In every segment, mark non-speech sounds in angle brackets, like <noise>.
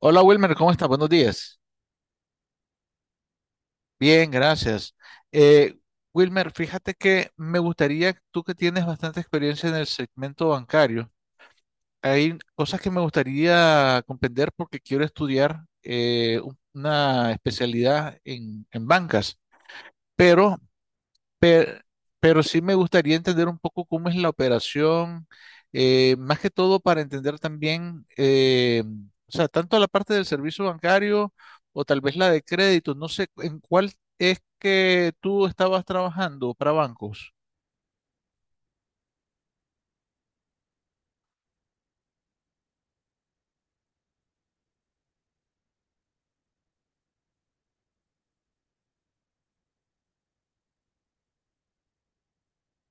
Hola Wilmer, ¿cómo estás? Buenos días. Bien, gracias. Eh, Wilmer, fíjate que me gustaría, tú que tienes bastante experiencia en el segmento bancario, hay cosas que me gustaría comprender porque quiero estudiar una especialidad en bancas, pero Pero, pero sí me gustaría entender un poco cómo es la operación, más que todo para entender también, o sea, tanto la parte del servicio bancario o tal vez la de crédito, no sé en cuál es que tú estabas trabajando para bancos.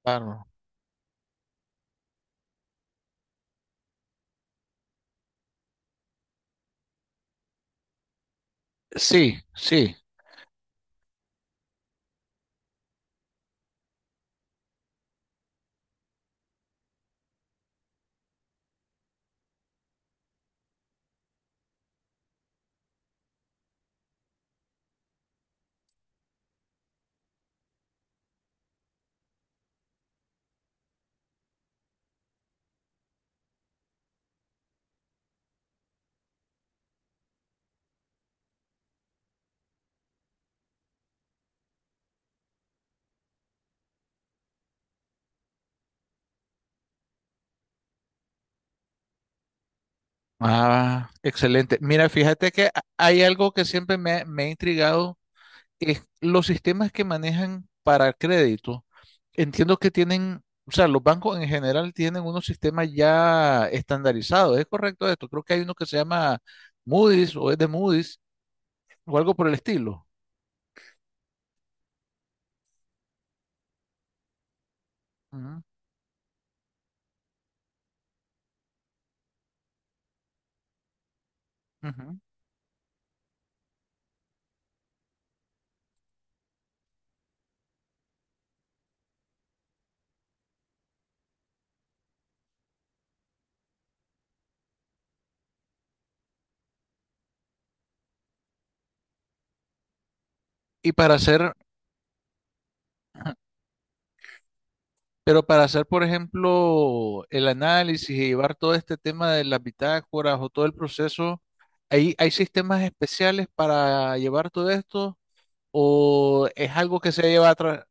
Claro. Sí, sí. Ah, excelente. Mira, fíjate que hay algo que siempre me ha intrigado es los sistemas que manejan para crédito, entiendo que tienen, o sea, los bancos en general tienen unos sistemas ya estandarizados. ¿Es correcto esto? Creo que hay uno que se llama Moody's o es de Moody's o algo por el estilo. Ujú, ujú. Y para hacer, <clears throat> pero para hacer, por ejemplo, el análisis y llevar todo este tema de las bitácoras o todo el proceso, ¿hay, hay sistemas especiales para llevar todo esto o es algo que se lleva atrás?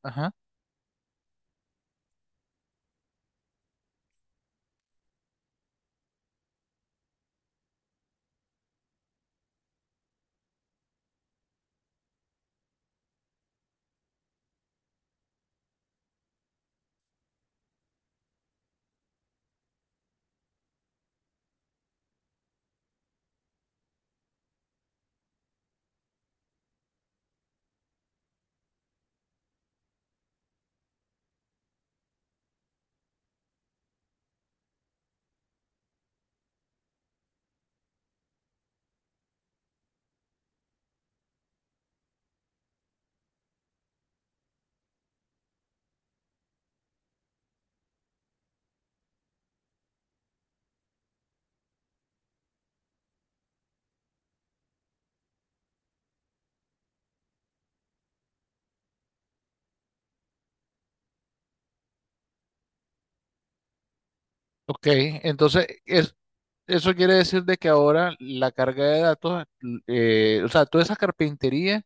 Ok, entonces es- eso quiere decir de que ahora la carga de datos, o sea, toda esa carpintería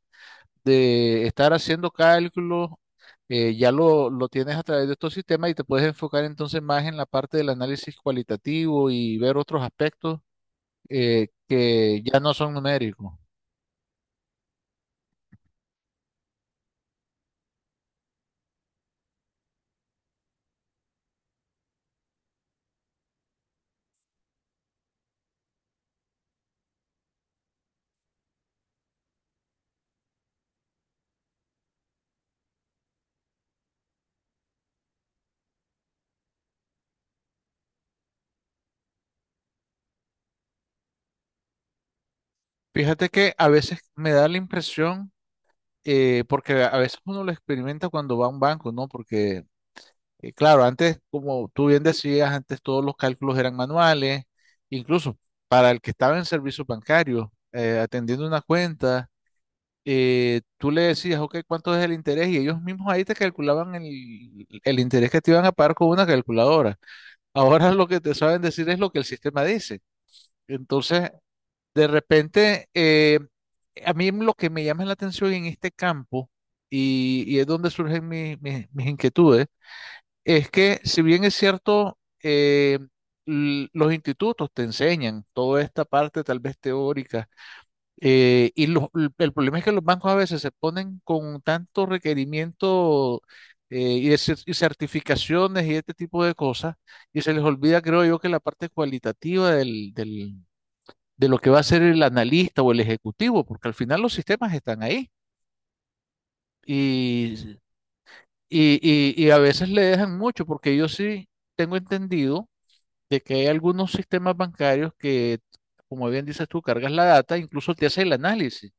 de estar haciendo cálculos, ya lo tienes a través de estos sistemas y te puedes enfocar entonces más en la parte del análisis cualitativo y ver otros aspectos que ya no son numéricos. Fíjate que a veces me da la impresión, porque a veces uno lo experimenta cuando va a un banco, ¿no? Porque claro, antes, como tú bien decías, antes todos los cálculos eran manuales, incluso para el que estaba en servicio bancario, atendiendo una cuenta, tú le decías, ok, ¿cuánto es el interés? Y ellos mismos ahí te calculaban el interés que te iban a pagar con una calculadora. <laughs> Ahora lo que te saben decir es lo que el sistema dice. Entonces, de repente, a mí lo que me llama la atención en este campo, y es donde surgen mis inquietudes, es que si bien es cierto, eh, los institutos te enseñan toda esta parte tal vez teórica, el problema es que los bancos a veces se ponen con tanto requerimiento y y certificaciones y este tipo de cosas, y se les olvida, creo yo, que la parte cualitativa de lo que va a ser el analista o el ejecutivo, porque al final los sistemas están ahí y, y y a veces le dejan mucho, porque yo sí tengo entendido de que hay algunos sistemas bancarios como bien dices tú, cargas la data, incluso te hace el análisis.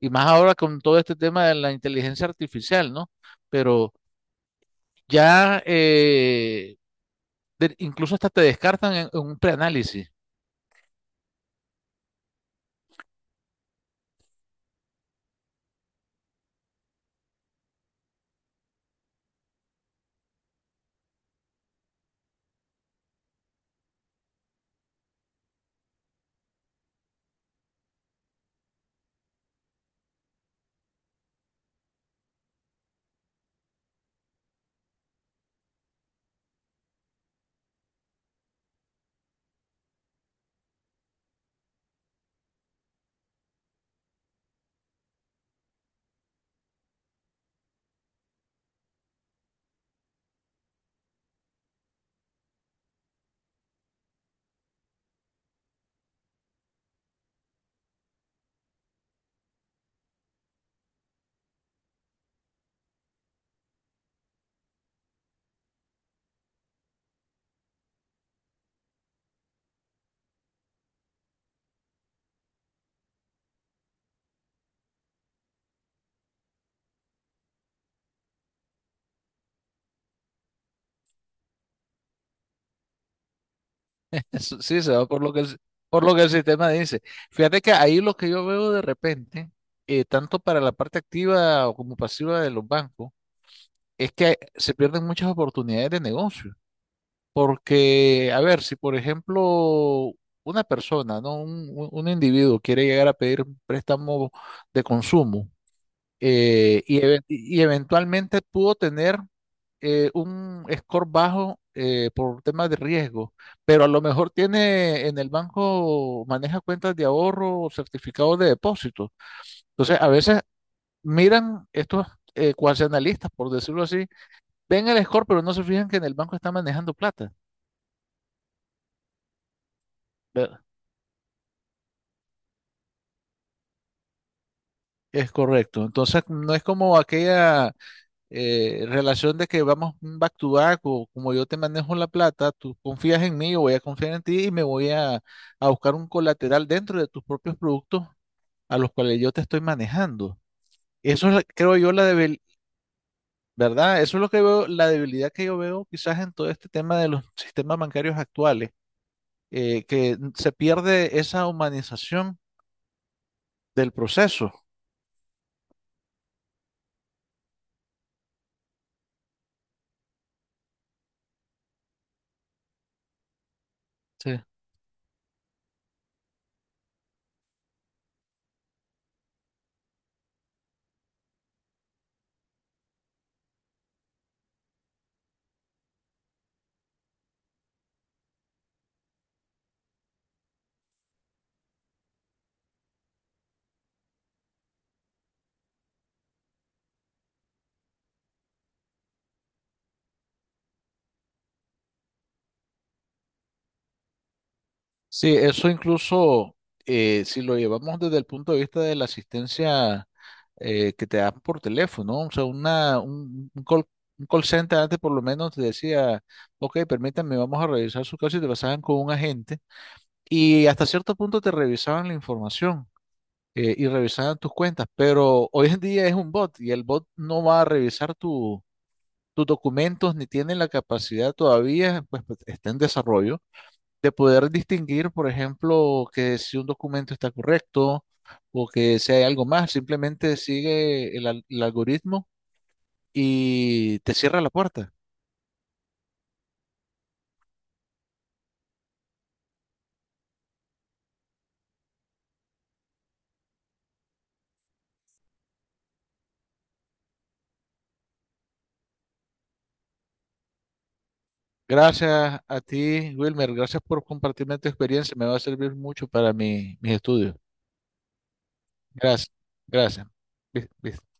Y más ahora con todo este tema de la inteligencia artificial, ¿no? Pero ya incluso hasta te descartan en un preanálisis. <laughs> Eso sí, se va por lo que, por lo que el sistema dice. Fíjate que ahí lo que yo veo de repente, tanto para la parte activa o como pasiva de los bancos, es que se pierden muchas oportunidades de negocio. Porque, a ver, si por ejemplo una persona, ¿no? Un individuo quiere llegar a pedir un préstamo de consumo y eventualmente pudo tener un score bajo por temas de riesgo, pero a lo mejor tiene en el banco, maneja cuentas de ahorro o certificados de depósito. Entonces, a veces miran estos cuasi analistas, por decirlo así, ven el score, pero no se fijan que en el banco está manejando plata. Es correcto. Entonces, no es como aquella relación de que vamos back to back o como yo te manejo la plata, tú confías en mí, yo voy a confiar en ti y me voy a buscar un colateral dentro de tus propios productos a los cuales yo te estoy manejando. Eso es, creo yo, ¿verdad? Eso es lo que veo, la debilidad que yo veo quizás en todo este tema de los sistemas bancarios actuales, que se pierde esa humanización del proceso. Sí. Sí, eso incluso, si lo llevamos desde el punto de vista de la asistencia que te dan por teléfono, o sea, un call center antes por lo menos te decía, ok, permítanme, vamos a revisar su caso y te pasaban con un agente y hasta cierto punto te revisaban la información y revisaban tus cuentas, pero hoy en día es un bot y el bot no va a revisar tus documentos ni tiene la capacidad todavía, pues, está en desarrollo de poder distinguir, por ejemplo, que si un documento está correcto o que si hay algo más, simplemente sigue el algoritmo y te cierra la puerta. Gracias a ti, Wilmer, gracias por compartirme tu experiencia, me va a servir mucho para mis estudios. Gracias, gracias. Bis.